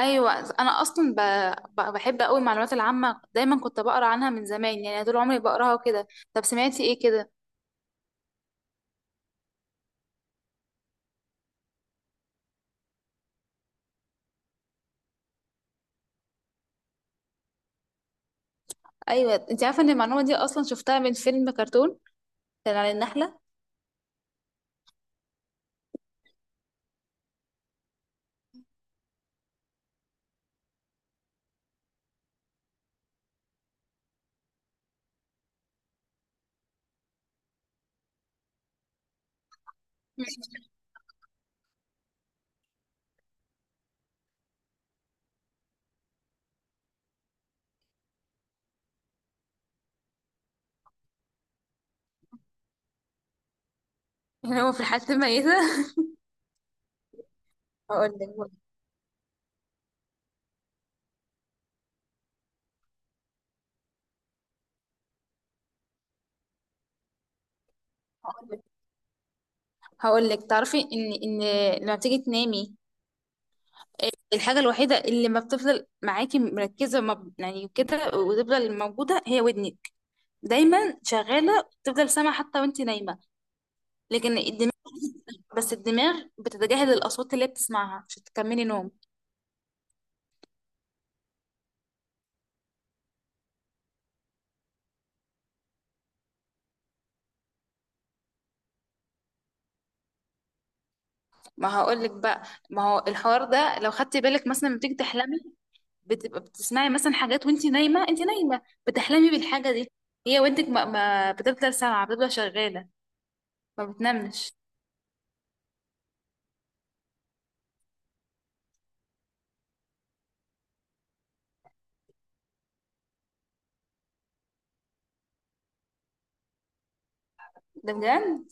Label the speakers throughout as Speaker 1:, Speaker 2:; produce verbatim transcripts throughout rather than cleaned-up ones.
Speaker 1: ايوه، انا اصلا ب... ب- بحب قوي المعلومات العامه، دايما كنت بقرا عنها من زمان، يعني طول عمري بقراها وكده. طب سمعتي ايه كده؟ ايوه، انت عارفه ان المعلومه دي اصلا شفتها من فيلم كرتون كان عن النحله. اللي هو في الحته الميته. هقول لك هقول لك هقول لك تعرفي ان ان لما بتيجي تنامي، آه، الحاجه الوحيده اللي ما بتفضل معاكي مركزه ما ب- يعني كده وتفضل موجوده، هي ودنك دايما شغاله، تفضل سامعه حتى وانت نايمه. لكن بس الدماغ بتتجاهل الاصوات اللي هي بتسمعها عشان تكملي نوم. ما هقول لك بقى، ما هو الحوار ده لو خدتي بالك مثلا لما بتيجي تحلمي، بتبقى بتسمعي مثلا حاجات وانت نايمه، انت نايمه بتحلمي بالحاجه دي. هي ودنك ما, ما بتفضل سامعه، بتفضل شغاله، ما بتنامش. ده بجد؟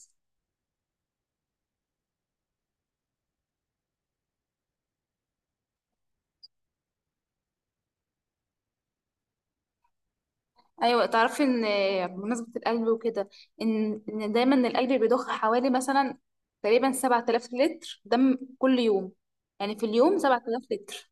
Speaker 1: ايوه تعرفي ان، بمناسبه القلب وكده، ان ان دايما القلب بيضخ حوالي مثلا تقريبا سبعة آلاف لتر دم كل يوم، يعني في اليوم سبعة آلاف لتر.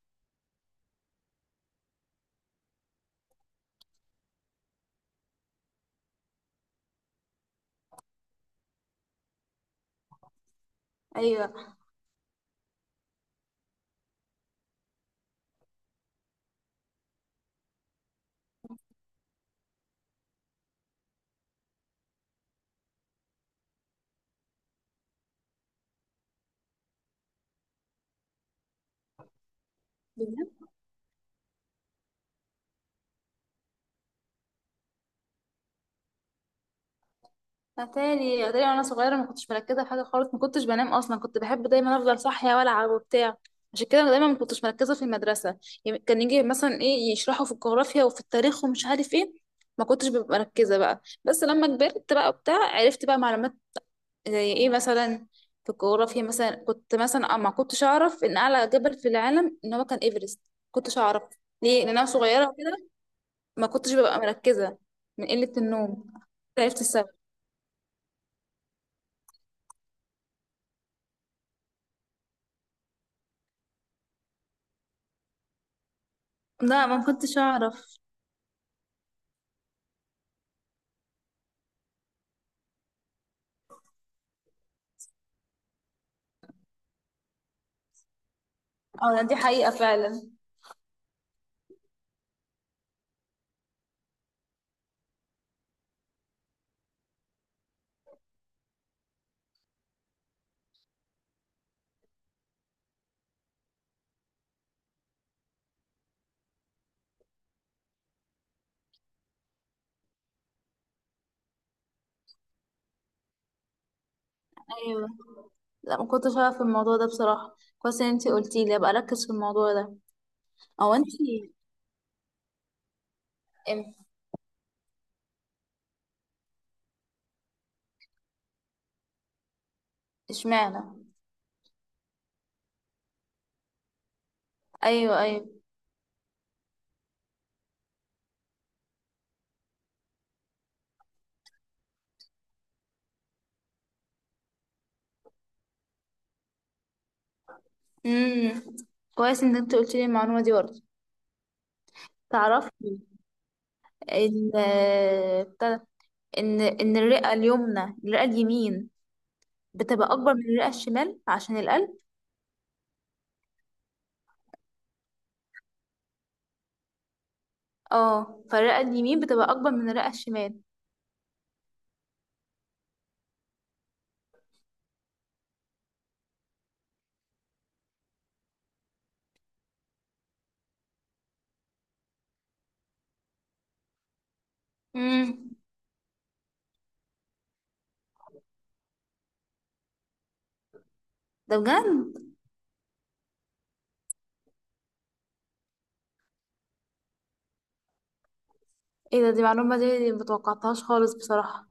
Speaker 1: ايوه، اتاري اتاري وانا صغيره ما كنتش مركزه في حاجه خالص، ما كنتش بنام اصلا، كنت بحب دايما افضل صاحيه والعب وبتاع. عشان كده دايما ما كنتش مركزه في المدرسه، يعني كان يجي مثلا ايه يشرحوا في الجغرافيا وفي التاريخ ومش عارف ايه، ما كنتش ببقى مركزه بقى. بس لما كبرت بقى وبتاع عرفت بقى معلومات. زي ايه مثلا؟ في الجغرافيا مثلا، كنت مثلا آه ما كنتش اعرف ان اعلى جبل في العالم ان هو كان ايفرست. كنتش اعرف. ليه؟ لان انا صغيره كده، ما كنتش ببقى مركزه من قله النوم. عرفت السبب. لا ما كنتش اعرف. اه، دي حقيقة فعلا. ايوه، لا ما كنتش اعرف الموضوع ده بصراحة، كويس ان انتي قلتي لي، ابقى اركز في الموضوع ده. او انتي ام- اشمعنى؟ ايوه، ايوه. امم. كويس ان انتي قلتي لي المعلومة دي برضه. تعرفي ان بتاع ده، ان ان الرئة اليمنى الرئة اليمين بتبقى اكبر من الرئة الشمال عشان القلب. اه، فالرئة اليمين بتبقى اكبر من الرئة الشمال. امم. ده بجد؟ ايه ده، دي معلومة دي متوقعتهاش خالص بصراحة.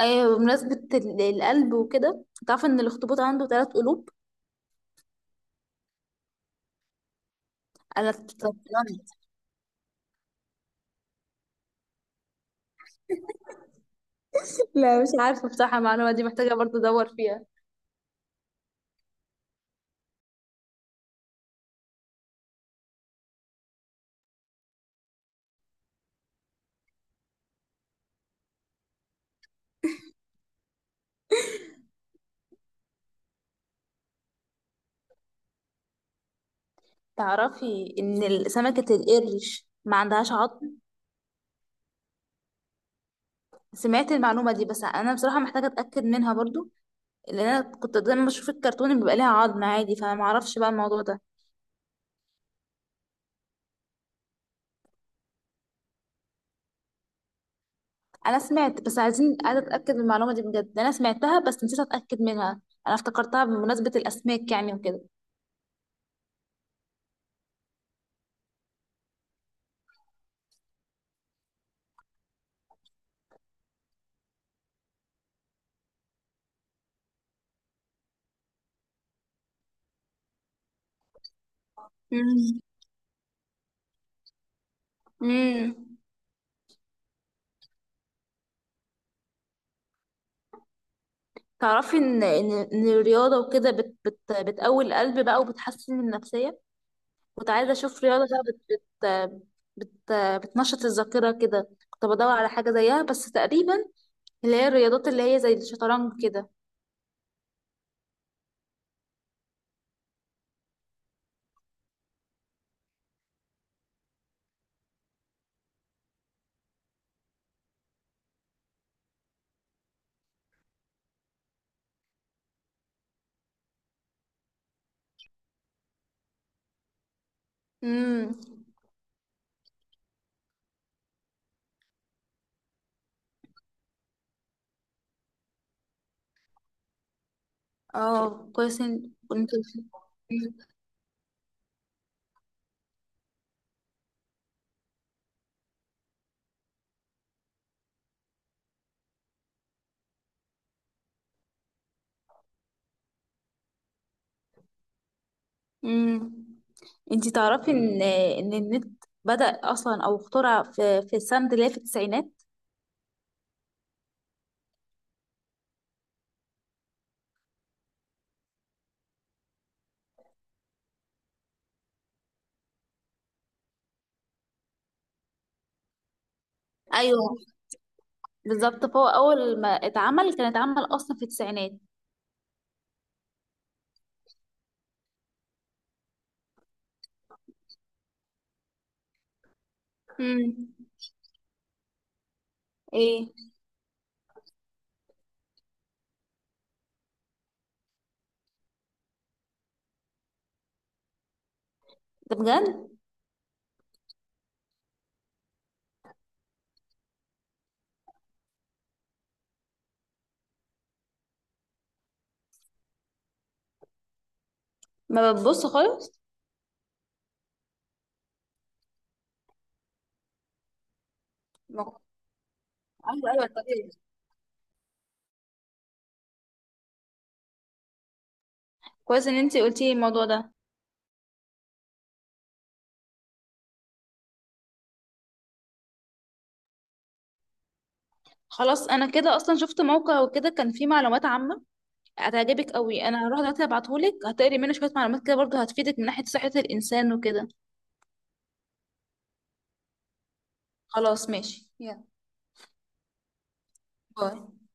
Speaker 1: ايوه، بمناسبة ال- القلب وكده، تعرف ان الاخطبوط عنده ثلاث قلوب؟ انا اتصدمت. لا مش عارفة بصراحة، المعلومة دي محتاجة برضه ادور فيها. تعرفي ان ال- سمكة القرش ما عندهاش عظم؟ سمعت المعلومة دي، بس انا بصراحة محتاجة اتاكد منها برضه، لان انا كنت دايما بشوف الكرتون اللي بيبقى ليها عظم عادي، فانا ما اعرفش بقى الموضوع ده. انا سمعت بس عايزين عايزة اتاكد من المعلومة دي بجد، انا سمعتها بس نسيت اتاكد منها. انا افتكرتها بمناسبة الاسماك يعني وكده. امم. تعرفي ان ان إن الرياضه وكده بت بت بتقوي القلب بقى وبتحسن من النفسيه؟ كنت عايزه اشوف رياضه بقى بت بت بت بتنشط الذاكره كده، كنت بدور على حاجه زيها بس تقريبا، اللي هي الرياضات اللي هي زي الشطرنج كده. امم. اه كويس إن- كنت. امم. انتي تعرفي ان ان النت بدأ اصلا او اخترع في في السنه اللي هي في التسعينات؟ ايوه، بالظبط، فهو اول ما اتعمل كان اتعمل اصلا في التسعينات. امم. ايه ده، بجد؟ ما بتبص خالص. ما كنت- ايوه، ايوه، طبيعي. كويس ان انتي قلتي الموضوع ده. خلاص، انا كده اصلا شفت موقع وكده كان فيه معلومات عامه هتعجبك قوي، انا هروح دلوقتي ابعتهولك، هتقري منه شويه معلومات كده برضو هتفيدك من ناحيه صحه الانسان وكده. خلاص ماشي، يلا، باي.